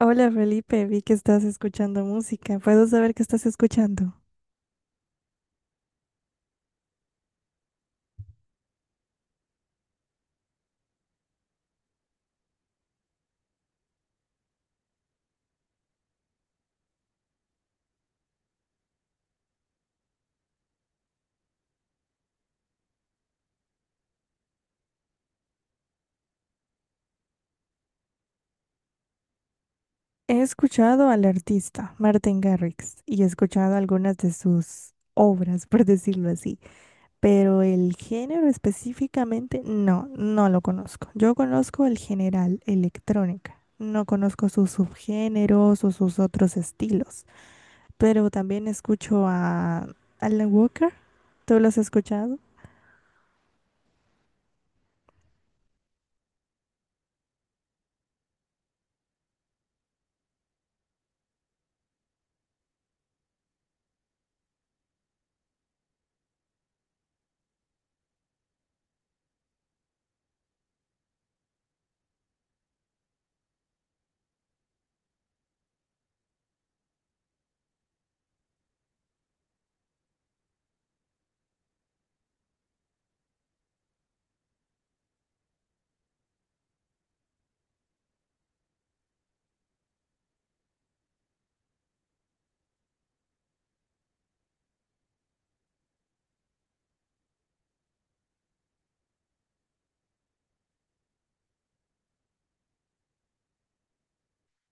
Hola Felipe, vi que estás escuchando música. ¿Puedo saber qué estás escuchando? He escuchado al artista Martin Garrix y he escuchado algunas de sus obras, por decirlo así, pero el género específicamente no lo conozco. Yo conozco el general, electrónica. No conozco sus subgéneros o sus otros estilos, pero también escucho a Alan Walker. ¿Tú lo has escuchado?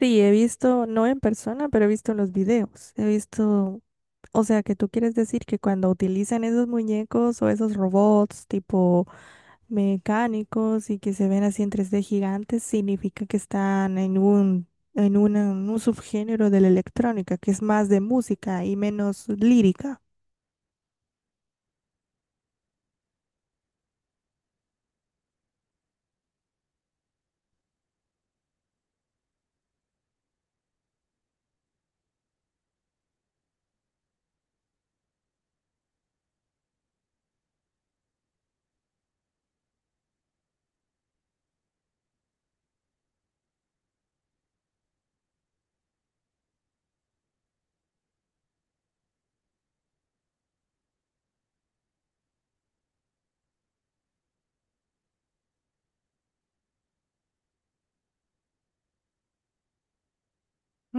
Sí, he visto, no en persona, pero he visto los videos. He visto. O sea, que tú quieres decir que cuando utilizan esos muñecos o esos robots tipo mecánicos y que se ven así en 3D gigantes, significa que están en en un subgénero de la electrónica, que es más de música y menos lírica.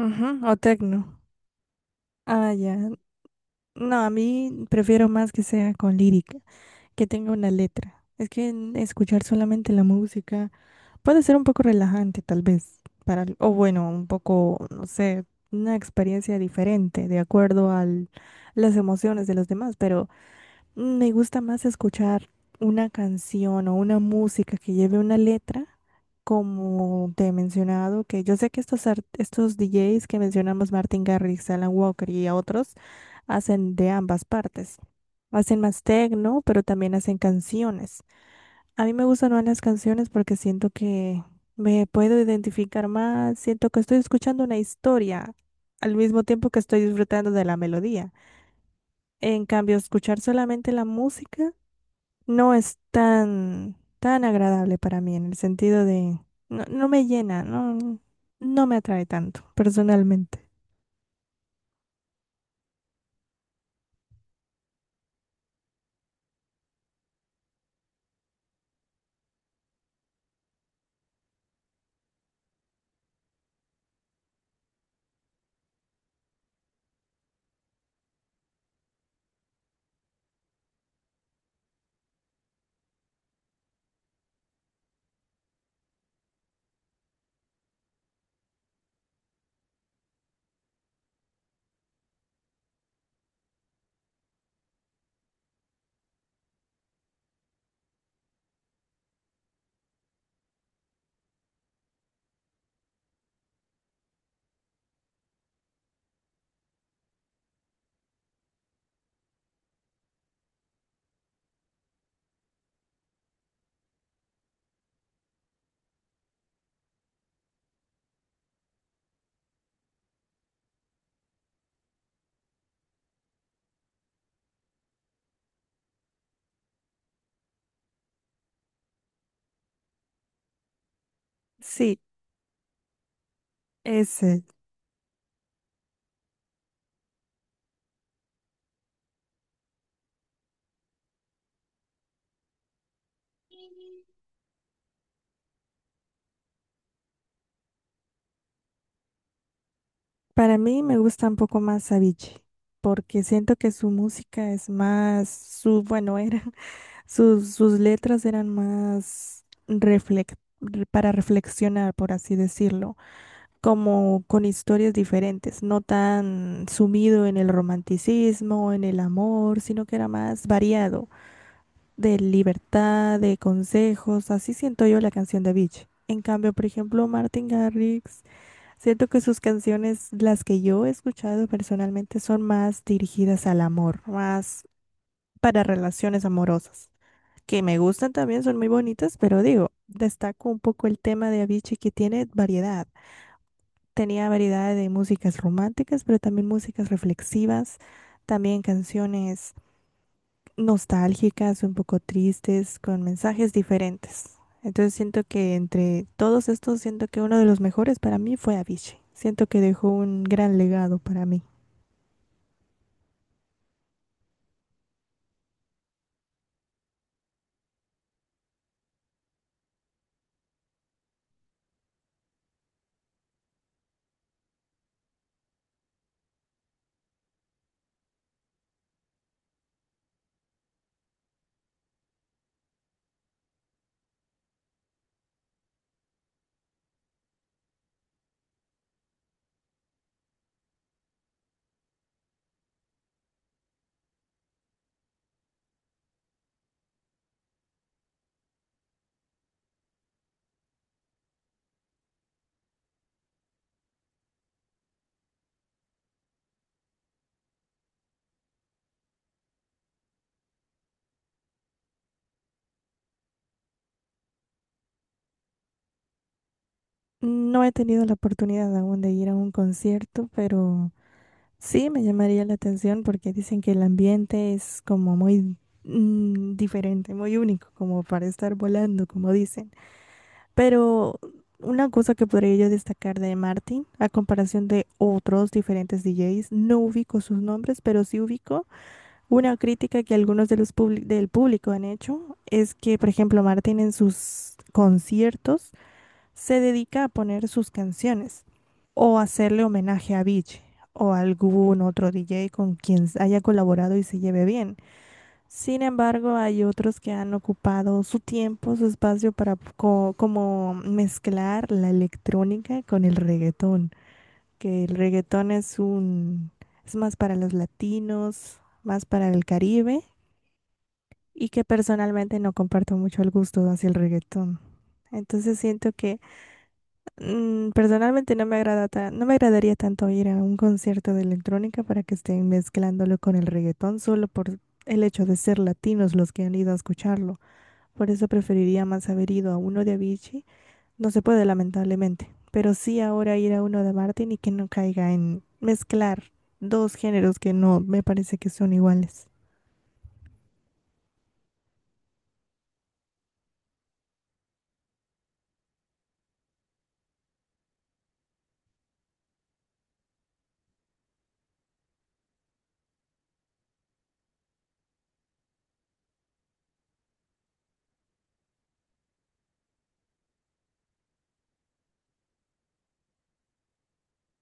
Ujú, o tecno. Ah, ya. No, a mí prefiero más que sea con lírica, que tenga una letra. Es que en escuchar solamente la música. Puede ser un poco relajante, tal vez, o bueno, un poco, no sé, una experiencia diferente de acuerdo a las emociones de los demás, pero me gusta más escuchar una canción o una música que lleve una letra, como te he mencionado, que yo sé que estos DJs que mencionamos, Martin Garrix, Alan Walker y otros, hacen de ambas partes. Hacen más techno, pero también hacen canciones. A mí me gustan más las canciones porque siento que me puedo identificar más, siento que estoy escuchando una historia al mismo tiempo que estoy disfrutando de la melodía. En cambio, escuchar solamente la música no es tan agradable para mí en el sentido de no me llena, no me atrae tanto personalmente. Sí, ese. Para mí me gusta un poco más Avicii porque siento que su música es más su, bueno, era. Sus letras eran más para reflexionar, por así decirlo, como con historias diferentes, no tan sumido en el romanticismo, en el amor, sino que era más variado, de libertad, de consejos, así siento yo la canción de Beach. En cambio, por ejemplo, Martin Garrix, siento que sus canciones, las que yo he escuchado personalmente, son más dirigidas al amor, más para relaciones amorosas que me gustan también, son muy bonitas, pero digo, destaco un poco el tema de Avicii que tiene variedad. Tenía variedad de músicas románticas, pero también músicas reflexivas, también canciones nostálgicas, un poco tristes, con mensajes diferentes. Entonces siento que entre todos estos, siento que uno de los mejores para mí fue Avicii. Siento que dejó un gran legado para mí. No he tenido la oportunidad aún de ir a un concierto, pero sí, me llamaría la atención porque dicen que el ambiente es como muy diferente, muy único, como para estar volando, como dicen. Pero una cosa que podría yo destacar de Martin, a comparación de otros diferentes DJs, no ubico sus nombres, pero sí ubico una crítica que algunos de los del público han hecho, es que, por ejemplo, Martin en sus conciertos, se dedica a poner sus canciones o hacerle homenaje a Beach o a algún otro DJ con quien haya colaborado y se lleve bien. Sin embargo, hay otros que han ocupado su tiempo, su espacio para como mezclar la electrónica con el reggaetón, que el reggaetón es un es más para los latinos, más para el Caribe y que personalmente no comparto mucho el gusto hacia el reggaetón. Entonces siento que personalmente no me no me agradaría tanto ir a un concierto de electrónica para que estén mezclándolo con el reggaetón solo por el hecho de ser latinos los que han ido a escucharlo. Por eso preferiría más haber ido a uno de Avicii. No se puede, lamentablemente, pero sí ahora ir a uno de Martin y que no caiga en mezclar dos géneros que no me parece que son iguales.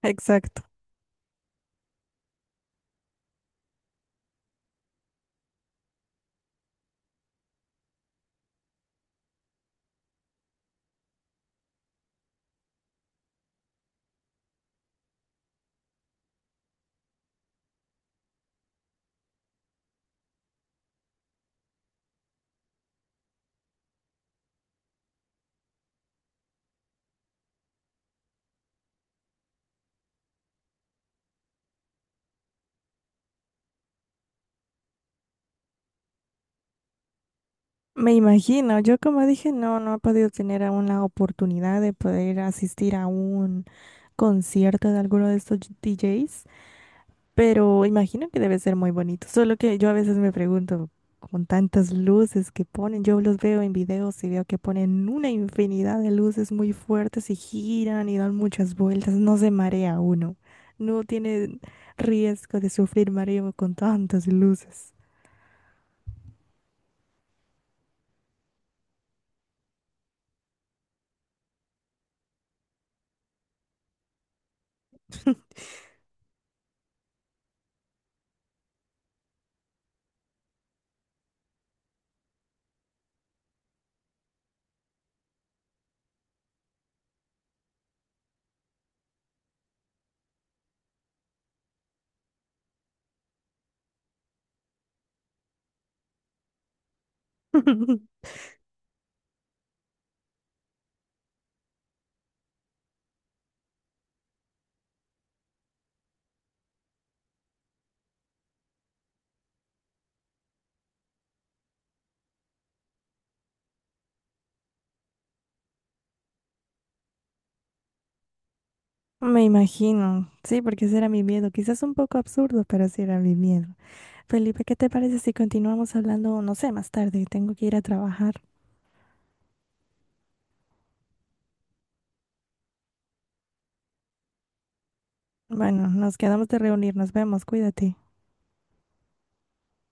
Exacto. Me imagino, yo como dije, no he podido tener aún la oportunidad de poder asistir a un concierto de alguno de estos DJs, pero imagino que debe ser muy bonito. Solo que yo a veces me pregunto, con tantas luces que ponen, yo los veo en videos y veo que ponen una infinidad de luces muy fuertes y giran y dan muchas vueltas. ¿No se marea uno? No tiene riesgo de sufrir mareo con tantas luces. Me imagino, sí, porque ese era mi miedo. Quizás un poco absurdo, pero sí era mi miedo. Felipe, ¿qué te parece si continuamos hablando, no sé, más tarde? Tengo que ir a trabajar. Bueno, nos quedamos de reunir, nos vemos, cuídate.